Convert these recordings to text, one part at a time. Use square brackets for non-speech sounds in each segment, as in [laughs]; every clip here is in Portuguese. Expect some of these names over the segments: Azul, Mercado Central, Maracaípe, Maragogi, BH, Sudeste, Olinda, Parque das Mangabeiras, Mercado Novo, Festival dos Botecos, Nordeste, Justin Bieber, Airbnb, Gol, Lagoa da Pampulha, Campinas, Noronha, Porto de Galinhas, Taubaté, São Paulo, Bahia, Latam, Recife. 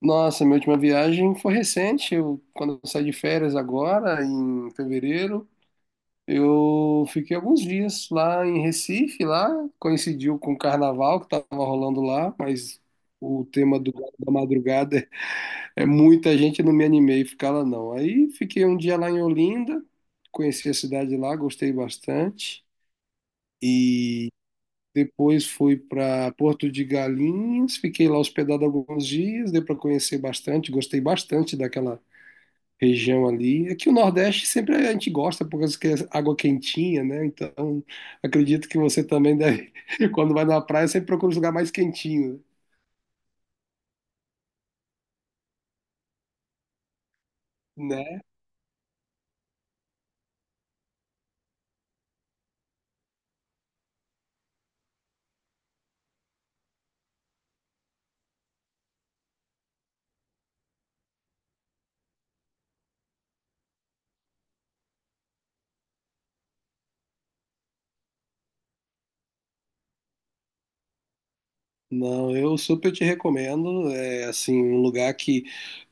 Nossa, minha última viagem foi recente. Quando eu saí de férias agora, em fevereiro, eu fiquei alguns dias lá em Recife, lá coincidiu com o carnaval que estava rolando lá, mas o tema da madrugada [laughs] é muita gente, eu não me animei a ficar lá não. Aí fiquei um dia lá em Olinda, conheci a cidade lá, gostei bastante e depois fui para Porto de Galinhas, fiquei lá hospedado alguns dias, deu para conhecer bastante, gostei bastante daquela região ali. É que o Nordeste sempre a gente gosta por causa que é água quentinha, né? Então, acredito que você também deve, [laughs] quando vai na praia, sempre procura um lugar mais quentinho, né? Não, eu super te recomendo. É assim, um lugar que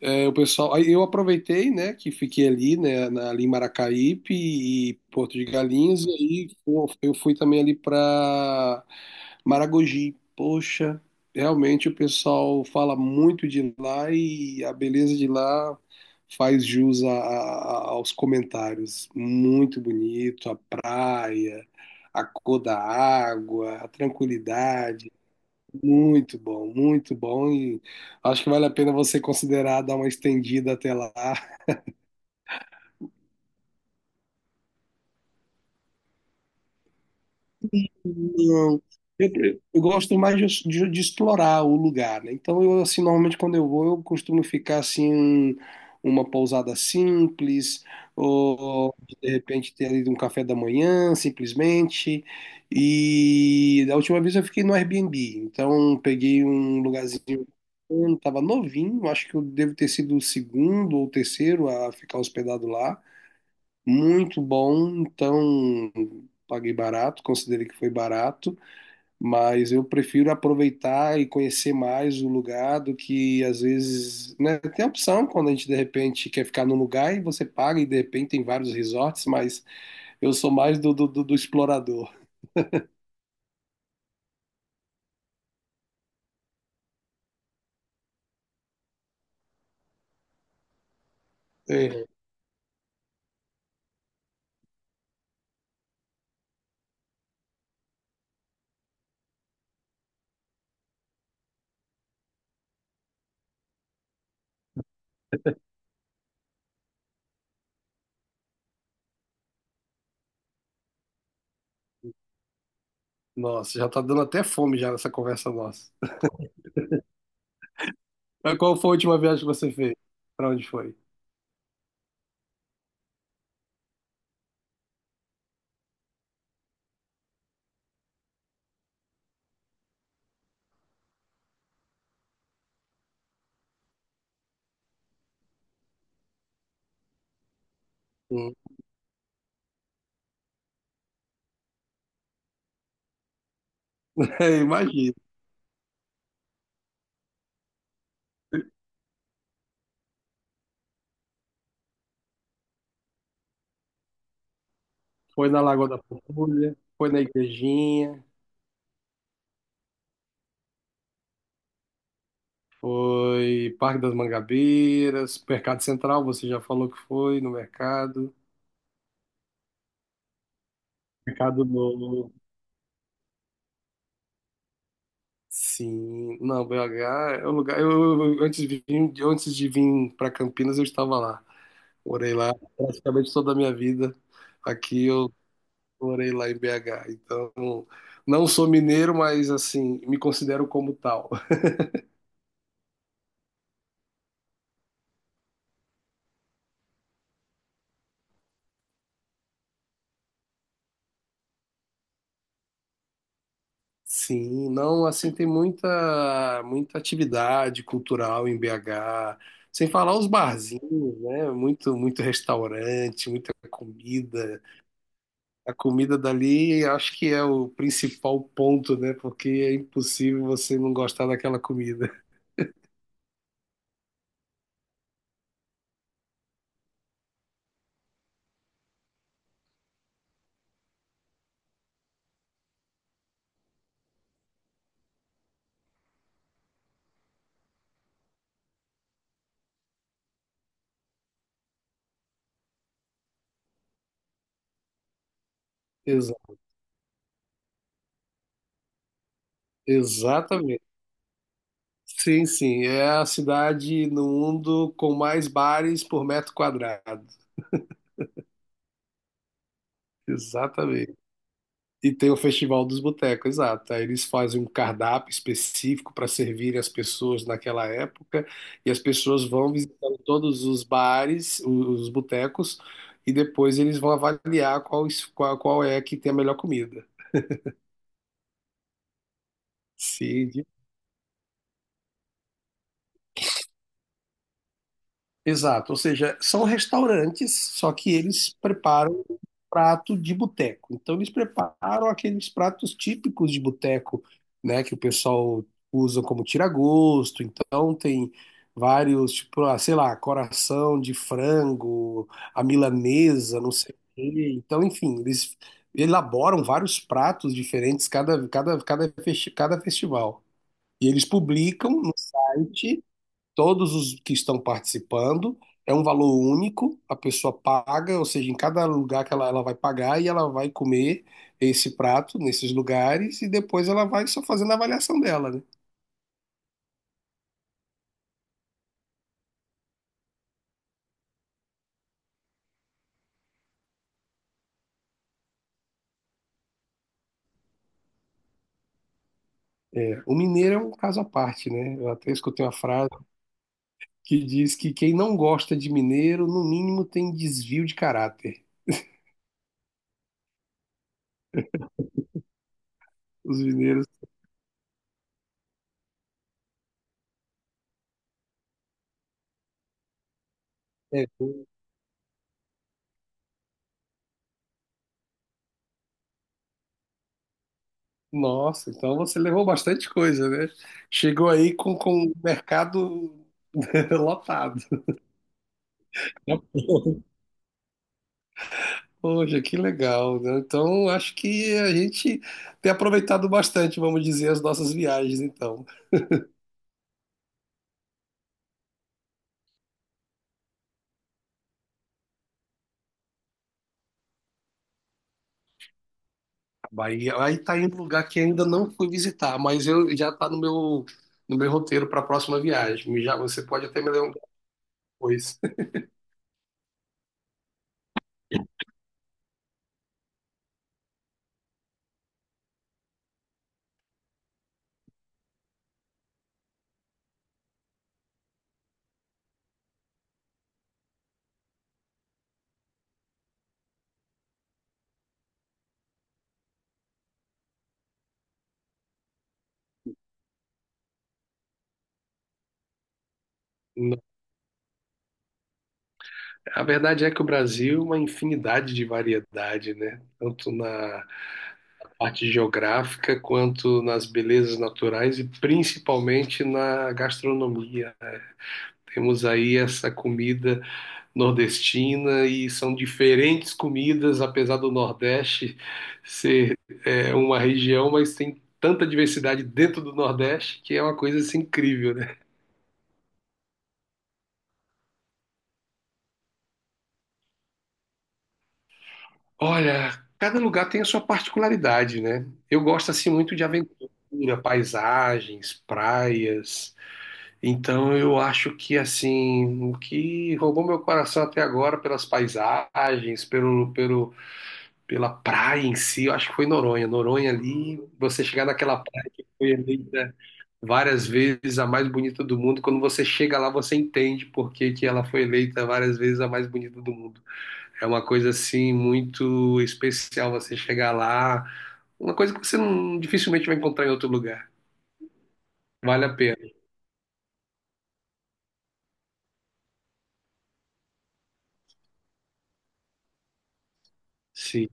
é, o pessoal. Aí Eu aproveitei, né, que fiquei ali, né, ali em Maracaípe e Porto de Galinhas, e aí pô, eu fui também ali para Maragogi. Poxa, realmente o pessoal fala muito de lá e a beleza de lá faz jus aos comentários. Muito bonito, a praia, a cor da água, a tranquilidade. Muito bom, muito bom. E acho que vale a pena você considerar dar uma estendida até lá. Não. Eu gosto mais de explorar o lugar, né? Então, eu, assim, normalmente quando eu vou, eu costumo ficar, assim, uma pousada simples, ou de repente ter ali um café da manhã, simplesmente. E da última vez eu fiquei no Airbnb, então peguei um lugarzinho, estava novinho, acho que eu devo ter sido o segundo ou terceiro a ficar hospedado lá. Muito bom, então paguei barato, considerei que foi barato, mas eu prefiro aproveitar e conhecer mais o lugar do que às vezes, né, tem a opção quando a gente de repente quer ficar num lugar e você paga e de repente tem vários resorts, mas eu sou mais do explorador. É. Nossa, já tá dando até fome já nessa conversa nossa. Mas qual foi a última viagem que você fez? Pra onde foi? Hum. [laughs] É, imagina. Foi na Lagoa da Pampulha, foi na Igrejinha, foi Parque das Mangabeiras, Mercado Central, você já falou que foi no mercado. Mercado Novo. Sim, não, BH é um lugar. Antes de vir, antes de vir para Campinas, eu estava lá. Morei lá praticamente toda a minha vida. Aqui eu morei lá em BH. Então, não sou mineiro, mas assim, me considero como tal. Sim, não, assim, tem muita, muita atividade cultural em BH. Sem falar os barzinhos, né? Muito, muito restaurante, muita comida. A comida dali acho que é o principal ponto, né? Porque é impossível você não gostar daquela comida. [laughs] Exa- exatamente. Sim, sim. É a cidade no mundo com mais bares por metro quadrado. Exatamente. E tem o Festival dos Botecos, exato. Aí eles fazem um cardápio específico para servir as pessoas naquela época, e as pessoas vão visitando todos os bares, os botecos, e depois eles vão avaliar qual é que tem a melhor comida. Sim, exato, ou seja, são restaurantes, só que eles preparam um prato de boteco. Então eles preparam aqueles pratos típicos de boteco, né, que o pessoal usa como tira-gosto. Então tem vários, tipo, ah, sei lá, coração de frango, a milanesa, não sei o quê. Então, enfim, eles elaboram vários pratos diferentes cada festival. E eles publicam no site todos os que estão participando. É um valor único, a pessoa paga, ou seja, em cada lugar que ela vai pagar e ela vai comer esse prato nesses lugares e depois ela vai só fazendo a avaliação dela, né? É, o mineiro é um caso à parte, né? Eu até escutei uma frase que diz que quem não gosta de mineiro, no mínimo, tem desvio de caráter. Os mineiros. É, nossa, então você levou bastante coisa, né? Chegou aí com o mercado [laughs] lotado. Poxa, que legal, né? Então, acho que a gente tem aproveitado bastante, vamos dizer, as nossas viagens, então. Bahia, aí tá em um lugar que ainda não fui visitar, mas eu já tá no meu roteiro para a próxima viagem. Já você pode até me lembrar depois. [laughs] Não. A verdade é que o Brasil é uma infinidade de variedade, né? Tanto na parte geográfica quanto nas belezas naturais e principalmente na gastronomia, né? Temos aí essa comida nordestina e são diferentes comidas, apesar do Nordeste ser é, uma região, mas tem tanta diversidade dentro do Nordeste que é uma coisa assim, incrível, né? Olha, cada lugar tem a sua particularidade, né? Eu gosto assim muito de aventura, paisagens, praias. Então eu acho que assim, o que roubou meu coração até agora pelas paisagens, pelo, pelo pela praia em si, eu acho que foi Noronha. Noronha ali, você chegar naquela praia que foi eleita várias vezes a mais bonita do mundo, quando você chega lá, você entende por que que ela foi eleita várias vezes a mais bonita do mundo. É uma coisa assim muito especial você chegar lá, uma coisa que você não, dificilmente vai encontrar em outro lugar. Vale a pena. Sim.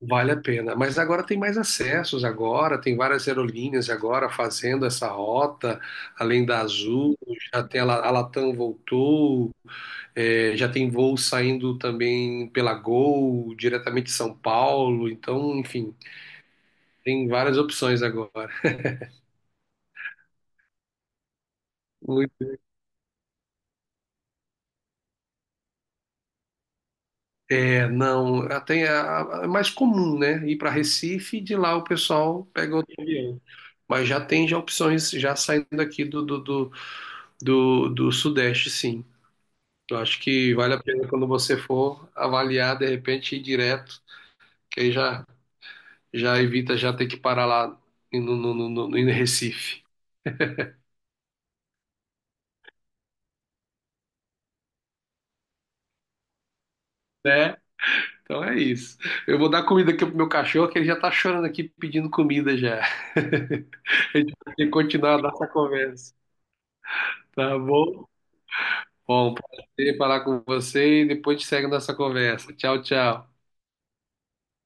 Vale a pena. Mas agora tem mais acessos agora, tem várias aerolíneas agora fazendo essa rota, além da Azul, já tem a Latam voltou, é, já tem voo saindo também pela Gol, diretamente de São Paulo, então, enfim, tem várias opções agora. Muito- É, não, até é mais comum, né? Ir para Recife e de lá o pessoal pega outro avião. Mas já tem já opções já saindo aqui do Sudeste, sim. Eu acho que vale a pena quando você for avaliar, de repente, ir direto, que aí já, já evita já ter que parar lá no, no, no, no, em Recife. Né? Então é isso. Eu vou dar comida aqui pro meu cachorro, que ele já tá chorando aqui pedindo comida já. [laughs] A gente vai continuar a nossa conversa. Tá bom? Bom, prazer falar com você e depois a gente segue a nossa conversa. Tchau, tchau.